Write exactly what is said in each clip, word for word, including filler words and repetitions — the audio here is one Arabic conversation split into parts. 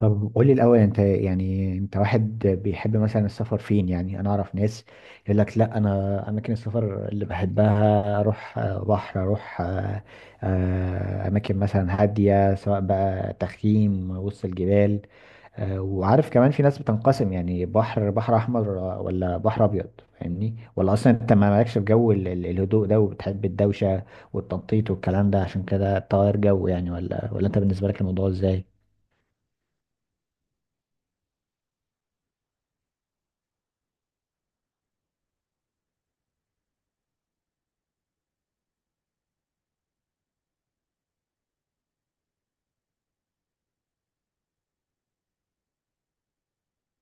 طب قولي الأول أنت، يعني أنت واحد بيحب مثلا السفر فين؟ يعني أنا أعرف ناس يقول لك لا، أنا أماكن السفر اللي بحبها أروح آه، بحر، أروح آه، آه، أماكن مثلا هادية، سواء بقى تخييم وسط الجبال، آه، وعارف كمان في ناس بتنقسم، يعني بحر، بحر أحمر آه، ولا بحر أبيض. فاهمني؟ ولا أصلا أنت ما مالكش في جو ال- ال- الهدوء ده وبتحب الدوشة والتنطيط والكلام ده؟ عشان كده تغير جو يعني، ولا ولا أنت بالنسبة لك الموضوع إزاي؟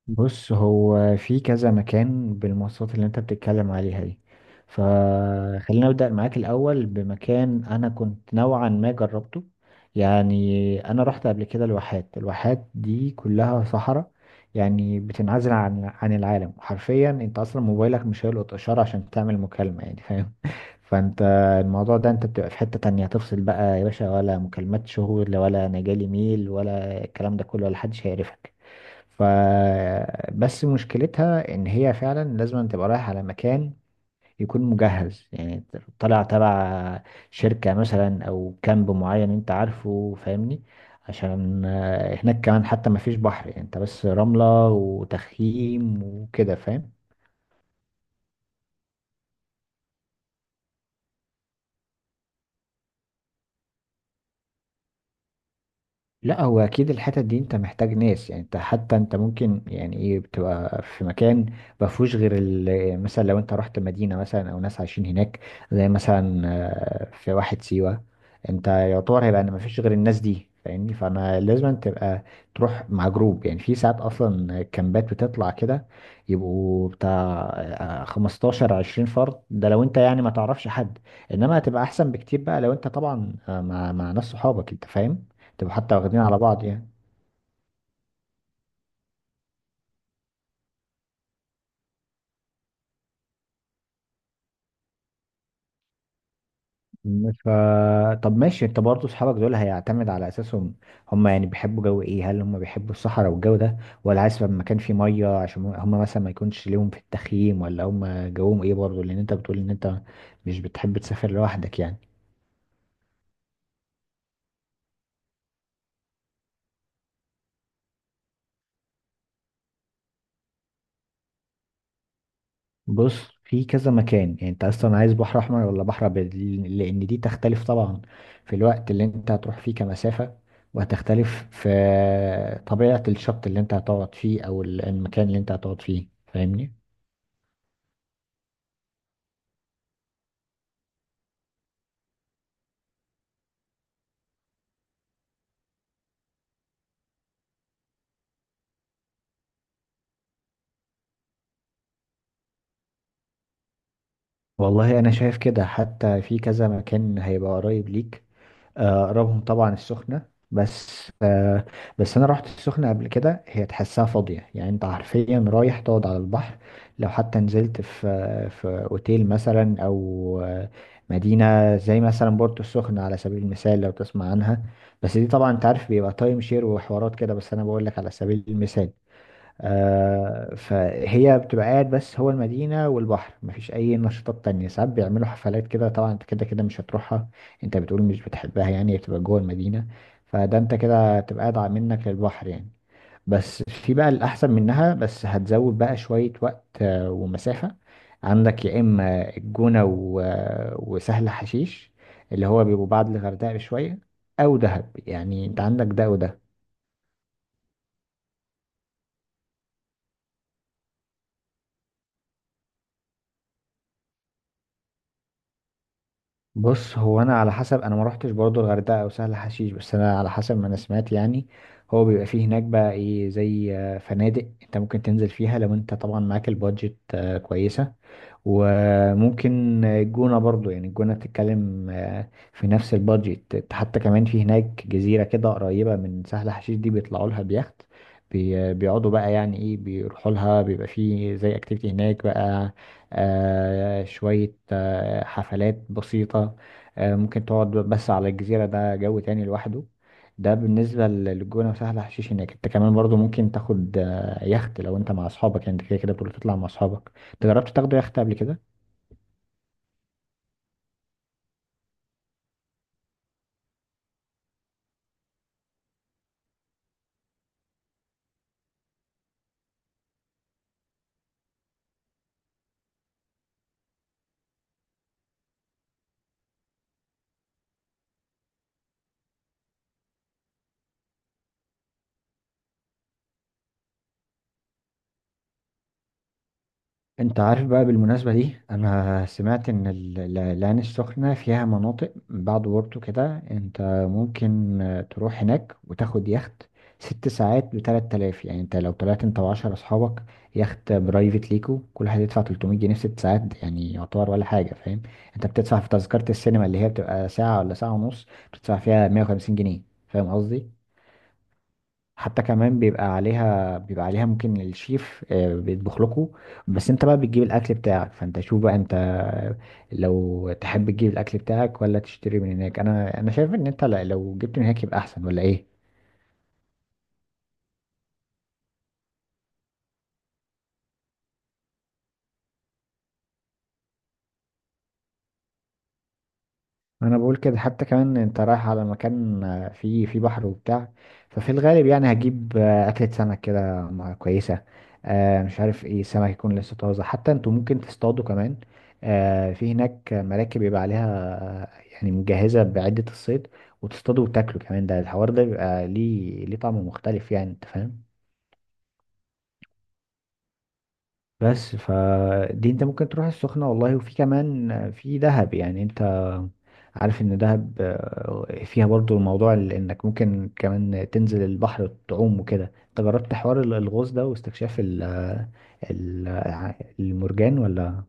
بص، هو في كذا مكان بالمواصفات اللي انت بتتكلم عليها دي، فخلينا نبدأ معاك الأول بمكان أنا كنت نوعا ما جربته. يعني أنا رحت قبل كده الواحات. الواحات دي كلها صحراء، يعني بتنعزل عن عن العالم حرفيا. انت أصلا موبايلك مش هيلقط إشارة عشان تعمل مكالمة يعني، فاهم؟ فانت الموضوع ده انت بتبقى في حتة تانية، تفصل بقى يا باشا، ولا مكالمات شغل، ولا انا جالي ميل، ولا الكلام ده كله، ولا حدش هيعرفك. فبس مشكلتها ان هي فعلا لازم أن تبقى رايح على مكان يكون مجهز يعني، طالع تبع شركة مثلا، او كامب معين انت عارفه، فاهمني؟ عشان آه، هناك كمان حتى ما فيش بحر، يعني انت بس رملة وتخييم وكده، فاهم؟ لا، هو اكيد الحتت دي انت محتاج ناس، يعني انت حتى انت ممكن يعني ايه، بتبقى في مكان ما فيهوش غير ال- مثلا لو انت رحت مدينه مثلا، او ناس عايشين هناك زي مثلا آه، في واحد سيوه، انت يعتبر هيبقى ان ما فيش غير الناس دي، فاهمني؟ فانا لازم تبقى تروح مع جروب، يعني في ساعات اصلا كامبات بتطلع كده، يبقوا بتاع آه، خمستاشر عشرين فرد. ده لو انت يعني ما تعرفش حد، انما هتبقى احسن بكتير بقى لو انت طبعا آه، مع مع ناس صحابك، انت فاهم؟ تبقى حتى واخدين على بعض يعني. م- ف طب ماشي. انت برضه اصحابك دول هيعتمد على اساسهم هم، يعني بيحبوا جو ايه؟ هل هم بيحبوا الصحراء والجو ده، ولا عايز يبقى مكان فيه ميه عشان هم مثلا ما يكونش ليهم في التخييم؟ ولا هم جوهم ايه برضه؟ لان انت بتقول ان انت مش بتحب تسافر لوحدك يعني. بص، في كذا مكان. يعني انت اصلا عايز بحر احمر ولا بحر ابيض؟ ل- لان دي تختلف طبعا في الوقت اللي انت هتروح فيه كمسافة، وهتختلف في طبيعة الشط اللي انت هتقعد فيه، او ال- المكان اللي انت هتقعد فيه، فاهمني؟ والله، انا شايف كده حتى في كذا مكان هيبقى قريب ليك. آه، اقربهم طبعا السخنة، بس آه، بس انا رحت السخنة قبل كده، هي تحسها فاضية يعني. انت حرفيا رايح تقعد على البحر، لو حتى نزلت في في اوتيل مثلا، او آه، مدينة زي مثلا بورتو السخنة على سبيل المثال، لو تسمع عنها. بس دي طبعا انت عارف بيبقى تايم شير وحوارات كده، بس انا بقول لك على سبيل المثال. آه، فهي بتبقى قاعد. بس هو المدينة والبحر مفيش أي نشاطات تانية. ساعات بيعملوا حفلات كده، طبعا أنت كده كده مش هتروحها، أنت بتقول مش بتحبها يعني، بتبقى جوه المدينة. فده أنت كده هتبقى قاعد منك للبحر يعني. بس في بقى الأحسن منها، بس هتزود بقى شوية وقت آه، ومسافة. عندك يا إما الجونة و- وسهل حشيش، اللي هو بيبقوا بعد الغردقة بشوية، أو دهب. يعني أنت عندك ده وده. بص، هو انا على حسب، انا ما روحتش برضو الغردقه او سهل حشيش، بس انا على حسب ما انا سمعت يعني. هو بيبقى فيه هناك بقى ايه، زي آه، فنادق انت ممكن تنزل فيها، لو انت طبعا معاك البادجت آه، كويسه. وممكن الجونة برضو يعني، الجونة بتتكلم آه، في نفس البادجت. حتى كمان في هناك جزيرة كده قريبة من سهل حشيش دي، بيطلعوا لها بيخت، بي- بيقعدوا بقى يعني ايه، بيروحوا لها، بيبقى فيه زي اكتيفيتي هناك بقى، آه شوية آه حفلات بسيطة. آه ممكن تقعد بس على الجزيرة، ده جو تاني لوحده. ده بالنسبة للجونة وسهل حشيش. هناك انت كمان برضو ممكن تاخد آه، يخت لو انت مع اصحابك يعني، انت كده كده بتقول تطلع مع اصحابك. انت جربت تاخده يخت قبل كده؟ انت عارف بقى بالمناسبة دي، انا سمعت ان ال- ال- العين السخنة فيها مناطق بعد بورتو كده، انت ممكن آه، تروح هناك وتاخد يخت ست ساعات بتلات تلاف. يعني انت لو طلعت انت وعشر اصحابك يخت برايفت ليكو، كل واحد يدفع تلتميت جنيه في ست ساعات، يعني يعتبر ولا حاجة، فاهم؟ انت بتدفع في تذكرة السينما اللي هي بتبقى ساعة ولا ساعة ونص، بتدفع فيها مائة وخمسين جنيه. فاهم قصدي؟ حتى كمان بيبقى عليها بيبقى عليها ممكن الشيف آه، بيطبخ لكم، بس انت بقى بتجيب الاكل بتاعك. فانت شوف بقى انت، لو تحب تجيب الاكل بتاعك ولا تشتري من هناك. انا انا شايف ان انت لا- لو جبت من هناك يبقى احسن، ولا ايه؟ انا بقول كده، حتى كمان انت رايح على مكان آه، فيه فيه بحر وبتاع. ففي الغالب يعني هجيب آه، اكلة سمك كده م- كويسة، آه، مش عارف ايه سمك يكون لسه طازة، حتى انتوا ممكن تصطادوا كمان. آه، في هناك مراكب يبقى عليها آه، يعني مجهزة بعدة الصيد، وتصطادوا وتاكلوا كمان. ده الحوار ده بيبقى ليه ليه طعم مختلف يعني، انت فاهم؟ بس فدي انت ممكن تروح السخنة والله، وفي كمان في دهب. يعني انت عارف ان دهب آه، فيها برضو الموضوع ال- انك ممكن كمان تنزل البحر تعوم وكده. انت جربت حوار ال- الغوص ده واستكشاف ال- ال- المرجان، ولا؟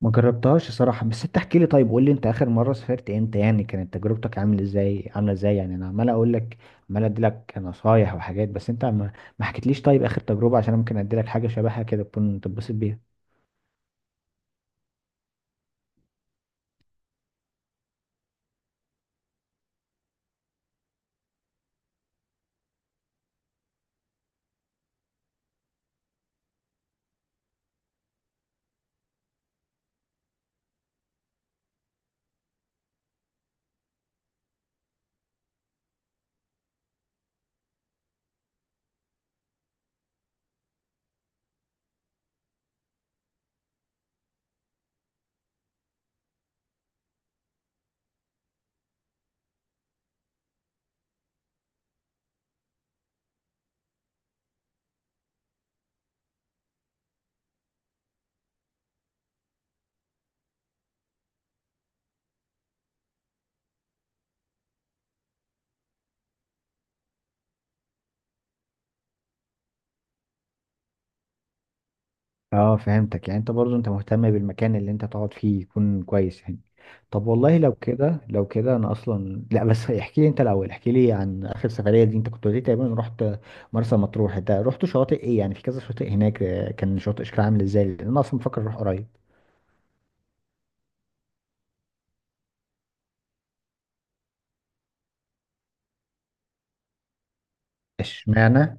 ما جربتهاش صراحة، بس انت احكي لي طيب، قول لي انت اخر مرة سافرت امتى يعني، كانت تجربتك عامل ازاي، عاملة ازاي يعني. انا عمال اقول لك، عمال ادي لك نصايح وحاجات، بس انت ما ما حكيتليش طيب اخر تجربة، عشان أنا ممكن ادي لك حاجة شبهها كده تكون تتبسط بيها. اه فهمتك يعني. انت برضو انت مهتم بالمكان اللي انت تقعد فيه يكون كويس يعني. طب والله لو كده لو كده انا اصلا لا، بس احكي لي انت الاول، احكي لي عن اخر سفرية دي. انت كنت قلت لي تقريبا رحت مرسى مطروح، انت رحت شواطئ ايه؟ يعني في كذا شاطئ هناك آه، كان شاطئ شكل عامل ازاي؟ لان انا اصلا بفكر اروح قريب. اشمعنى؟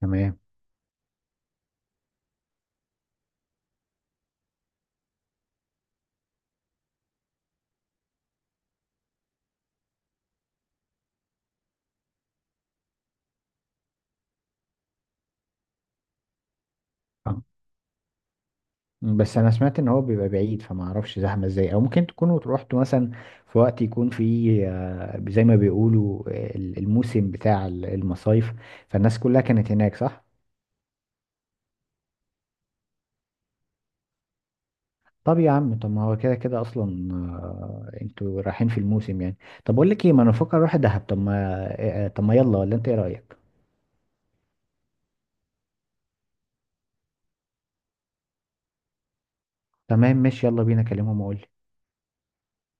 تمام. آه. بس انا سمعت ان هو بيبقى بعيد، فما اعرفش زحمه ازاي، او ممكن تكونوا روحتوا مثلا في وقت يكون فيه آه، زي ما بيقولوا آه، الموسم بتاع المصايف، فالناس كلها كانت هناك، صح؟ طب يا عم، طب ما هو كده كده اصلا آه، انتوا رايحين في الموسم يعني. طب اقول لك ايه، ما انا بفكر اروح دهب. طب ما آه، آه، طب ما يلا، ولا انت ايه رايك؟ تمام ماشي، يلا بينا، كلمهم واقول.